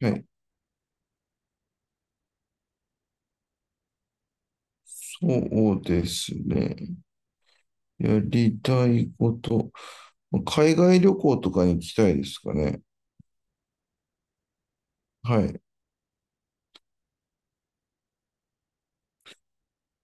はい。そうですね。やりたいこと。海外旅行とかに行きたいですかね。はい。う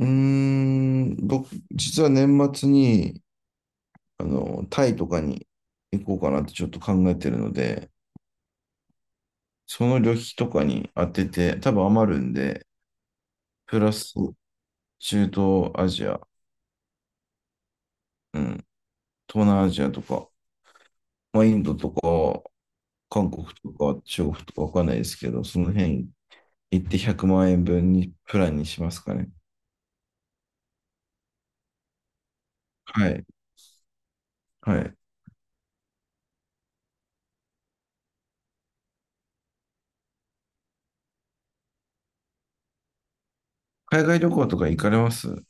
ーん、僕、実は年末に、タイとかに行こうかなってちょっと考えてるので、その旅費とかに当てて、多分余るんで、プラス中東アジア、うん、東南アジアとか、まあ、インドとか、韓国とか、中国とかわかんないですけど、その辺行って100万円分にプランにしますかね。はい。はい。海外旅行とか行かれます？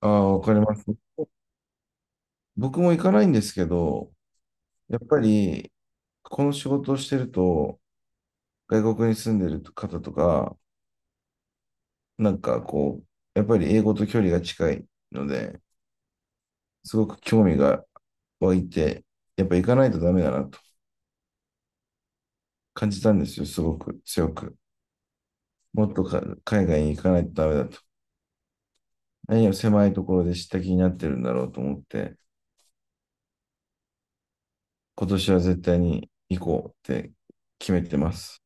ああ、わかります。僕も行かないんですけど、やっぱり、この仕事をしてると、外国に住んでる方とか、なんかこう、やっぱり英語と距離が近いので、すごく興味が湧いて、やっぱ行かないとダメだなと感じたんですよ、すごく強く。もっとか海外に行かないとダメだと。何を狭いところで知った気になってるんだろうと思って、今年は絶対に行こうって決めてます。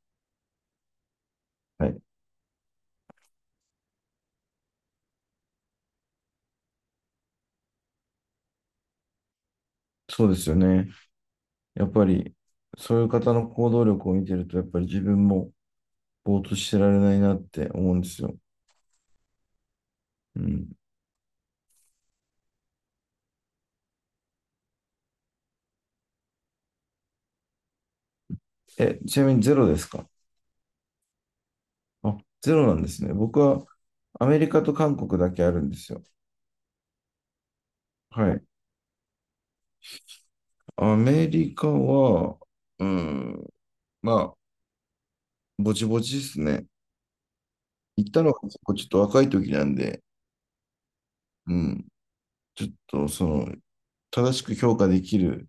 はい。そうですよね。やっぱり、そういう方の行動力を見てると、やっぱり自分もぼーっとしてられないなって思うんですよ。うん。え、ちなみにゼロですか？あ、ゼロなんですね。僕はアメリカと韓国だけあるんですよ。はい。アメリカは、うん、まあ、ぼちぼちですね。行ったのが結構ちょっと若い時なんで、うん、ちょっと正しく評価できる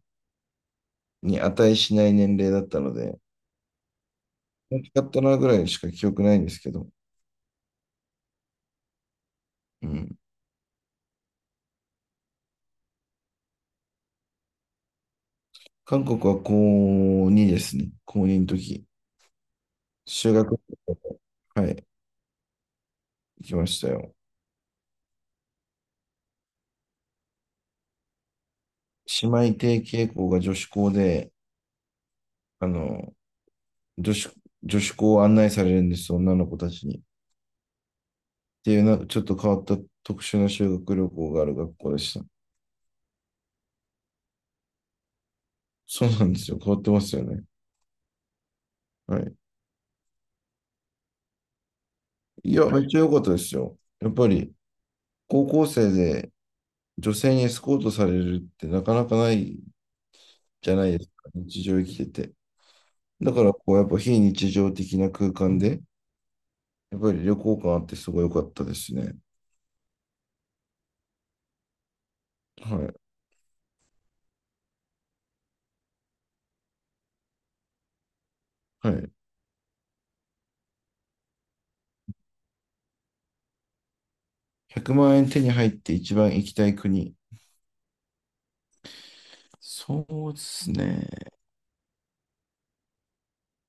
に値しない年齢だったので、大きかったなぐらいしか記憶ないんですけど、うん。韓国は高2ですね。高2の時。修学旅行。はい、行きましたよ。姉妹提携校が女子校で、あの、女子、女子校を案内されるんです、女の子たちに。っていうな、ちょっと変わった特殊な修学旅行がある学校でした。そうなんですよ。変わってますよね。はい。いや、めっちゃ良かったですよ。やっぱり、高校生で女性にエスコートされるってなかなかないじゃないですか。日常生きてて。だから、こう、やっぱ非日常的な空間で、やっぱり旅行感あってすごい良かったですね。はい。はい。100万円手に入って一番行きたい国。そうですね。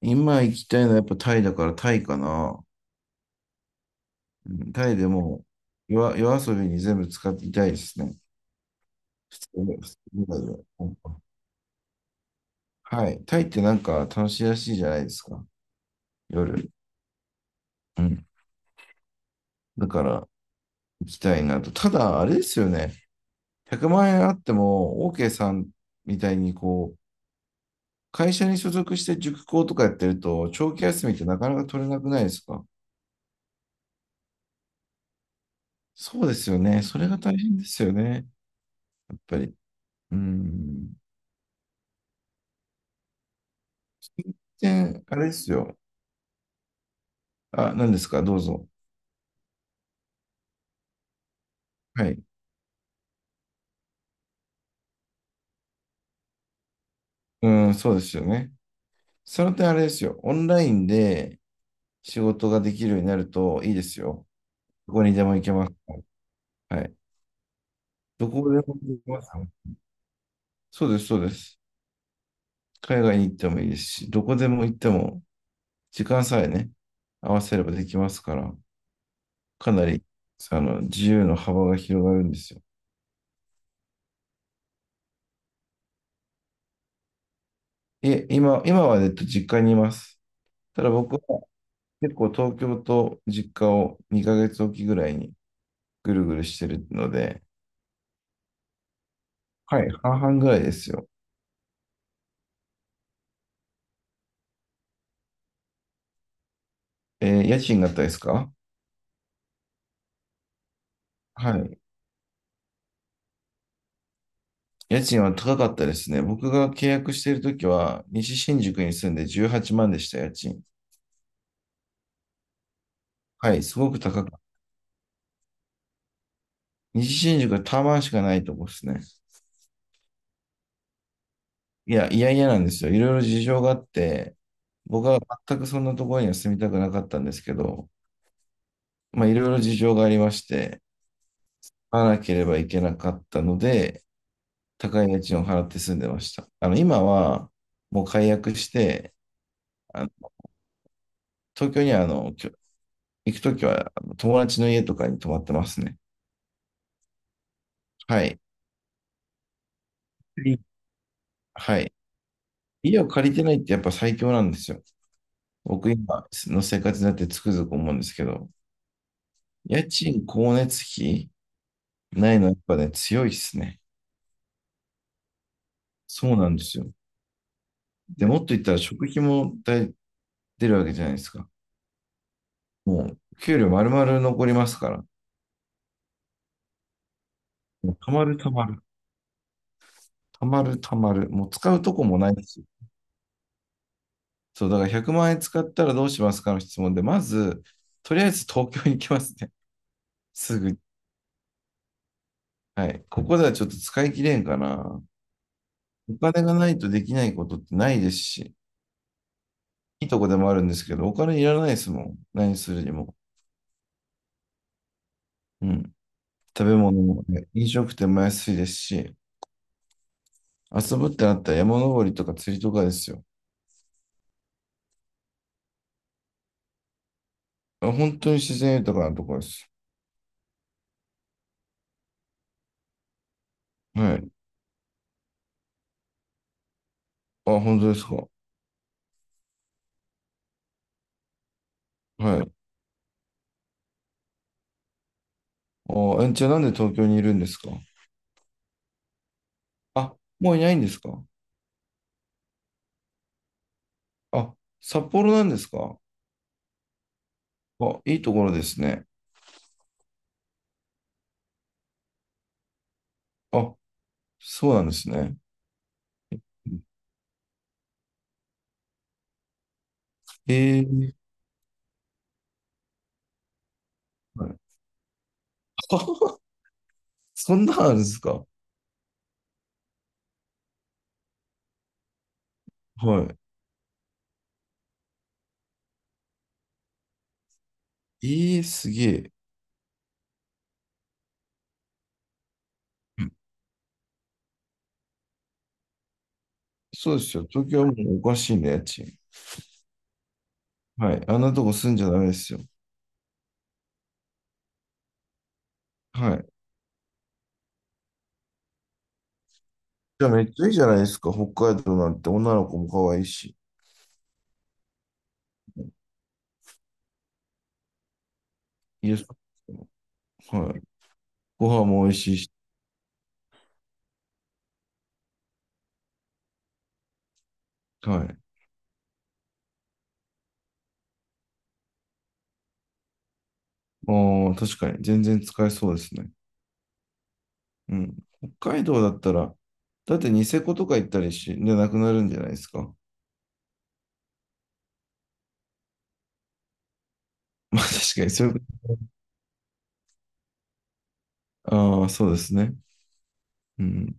今行きたいのはやっぱタイだからタイかな。うんタイで、もう夜遊びに全部使っていたいですね。普通に、普通に。うん。はい。タイってなんか楽しいらしいじゃないですか。夜。うん。だから行きたいなと。ただ、あれですよね。100万円あっても、OK さんみたいに、こう、会社に所属して塾講とかやってると、長期休みってなかなか取れなくないですか？そうですよね。それが大変ですよね。やっぱり。うーん。で、あれですよ。あ、何ですか？どうぞ。はい。うーん、そうですよね。その点あれですよ。オンラインで仕事ができるようになるといいですよ。どこにでも行けます。はい。どこでも行けます。そうです、そうです。海外に行ってもいいですし、どこでも行っても時間さえね、合わせればできますから、かなり、自由の幅が広がるんですよ。いえ、今は、実家にいます。ただ僕は結構東京と実家を2ヶ月おきぐらいにぐるぐるしてるので、はい、半々ぐらいですよ。えー、家賃があったですか？はい。家賃は高かったですね。僕が契約しているときは、西新宿に住んで18万でした、家賃。はい、すごく高かった。西新宿はタワマンしかないとこですね。いや、いやいやなんですよ。いろいろ事情があって、僕は全くそんなところには住みたくなかったんですけど、まあ、いろいろ事情がありまして、買わなければいけなかったので、高い家賃を払って住んでました。今は、もう解約して、あの東京には、行くときは、友達の家とかに泊まってますね。はい。いはい。家を借りてないってやっぱ最強なんですよ。僕今の生活になってつくづく思うんですけど、家賃、光熱費、ないの、やっぱね、強いっすね。そうなんですよ。で、もっと言ったら食費も大出るわけじゃないですか。もう、給料丸々残りますから。もうたまるたまる。たまるたまる。もう使うとこもないし。そう、だから100万円使ったらどうしますかの質問で、まず、とりあえず東京に行きますね。すぐ。はい。ここではちょっと使い切れんかな。お金がないとできないことってないですし、いいとこでもあるんですけど、お金いらないですもん。何するにも。うん。食べ物もね、飲食店も安いですし、遊ぶってなったら山登りとか釣りとかですよ。あ、本当に自然豊かなところです。はい。あ、本当ですか。はい。あ、え、じゃあなんで東京にいるんですか？あ、もういないんですか？あ、札幌なんですか？あ、いいところですね。あ、そうなんですね。えー、はい。 そんなんあるんですか？はい。えー、すげえ。そうですよ。東京はもうおかしいね、家賃。はい。あんなとこ住んじゃダメですよ。はい。じゃあめっちゃいいじゃないですか。北海道なんて女の子も可愛いし。いいですか？はい。ご飯も美味しいし、はい。ああ、確かに。全然使えそうですね。うん。北海道だったら、だってニセコとか行ったりし、でなくなるんじゃないですか。まあ確かにそういうこと、ああ、そうですね。うん。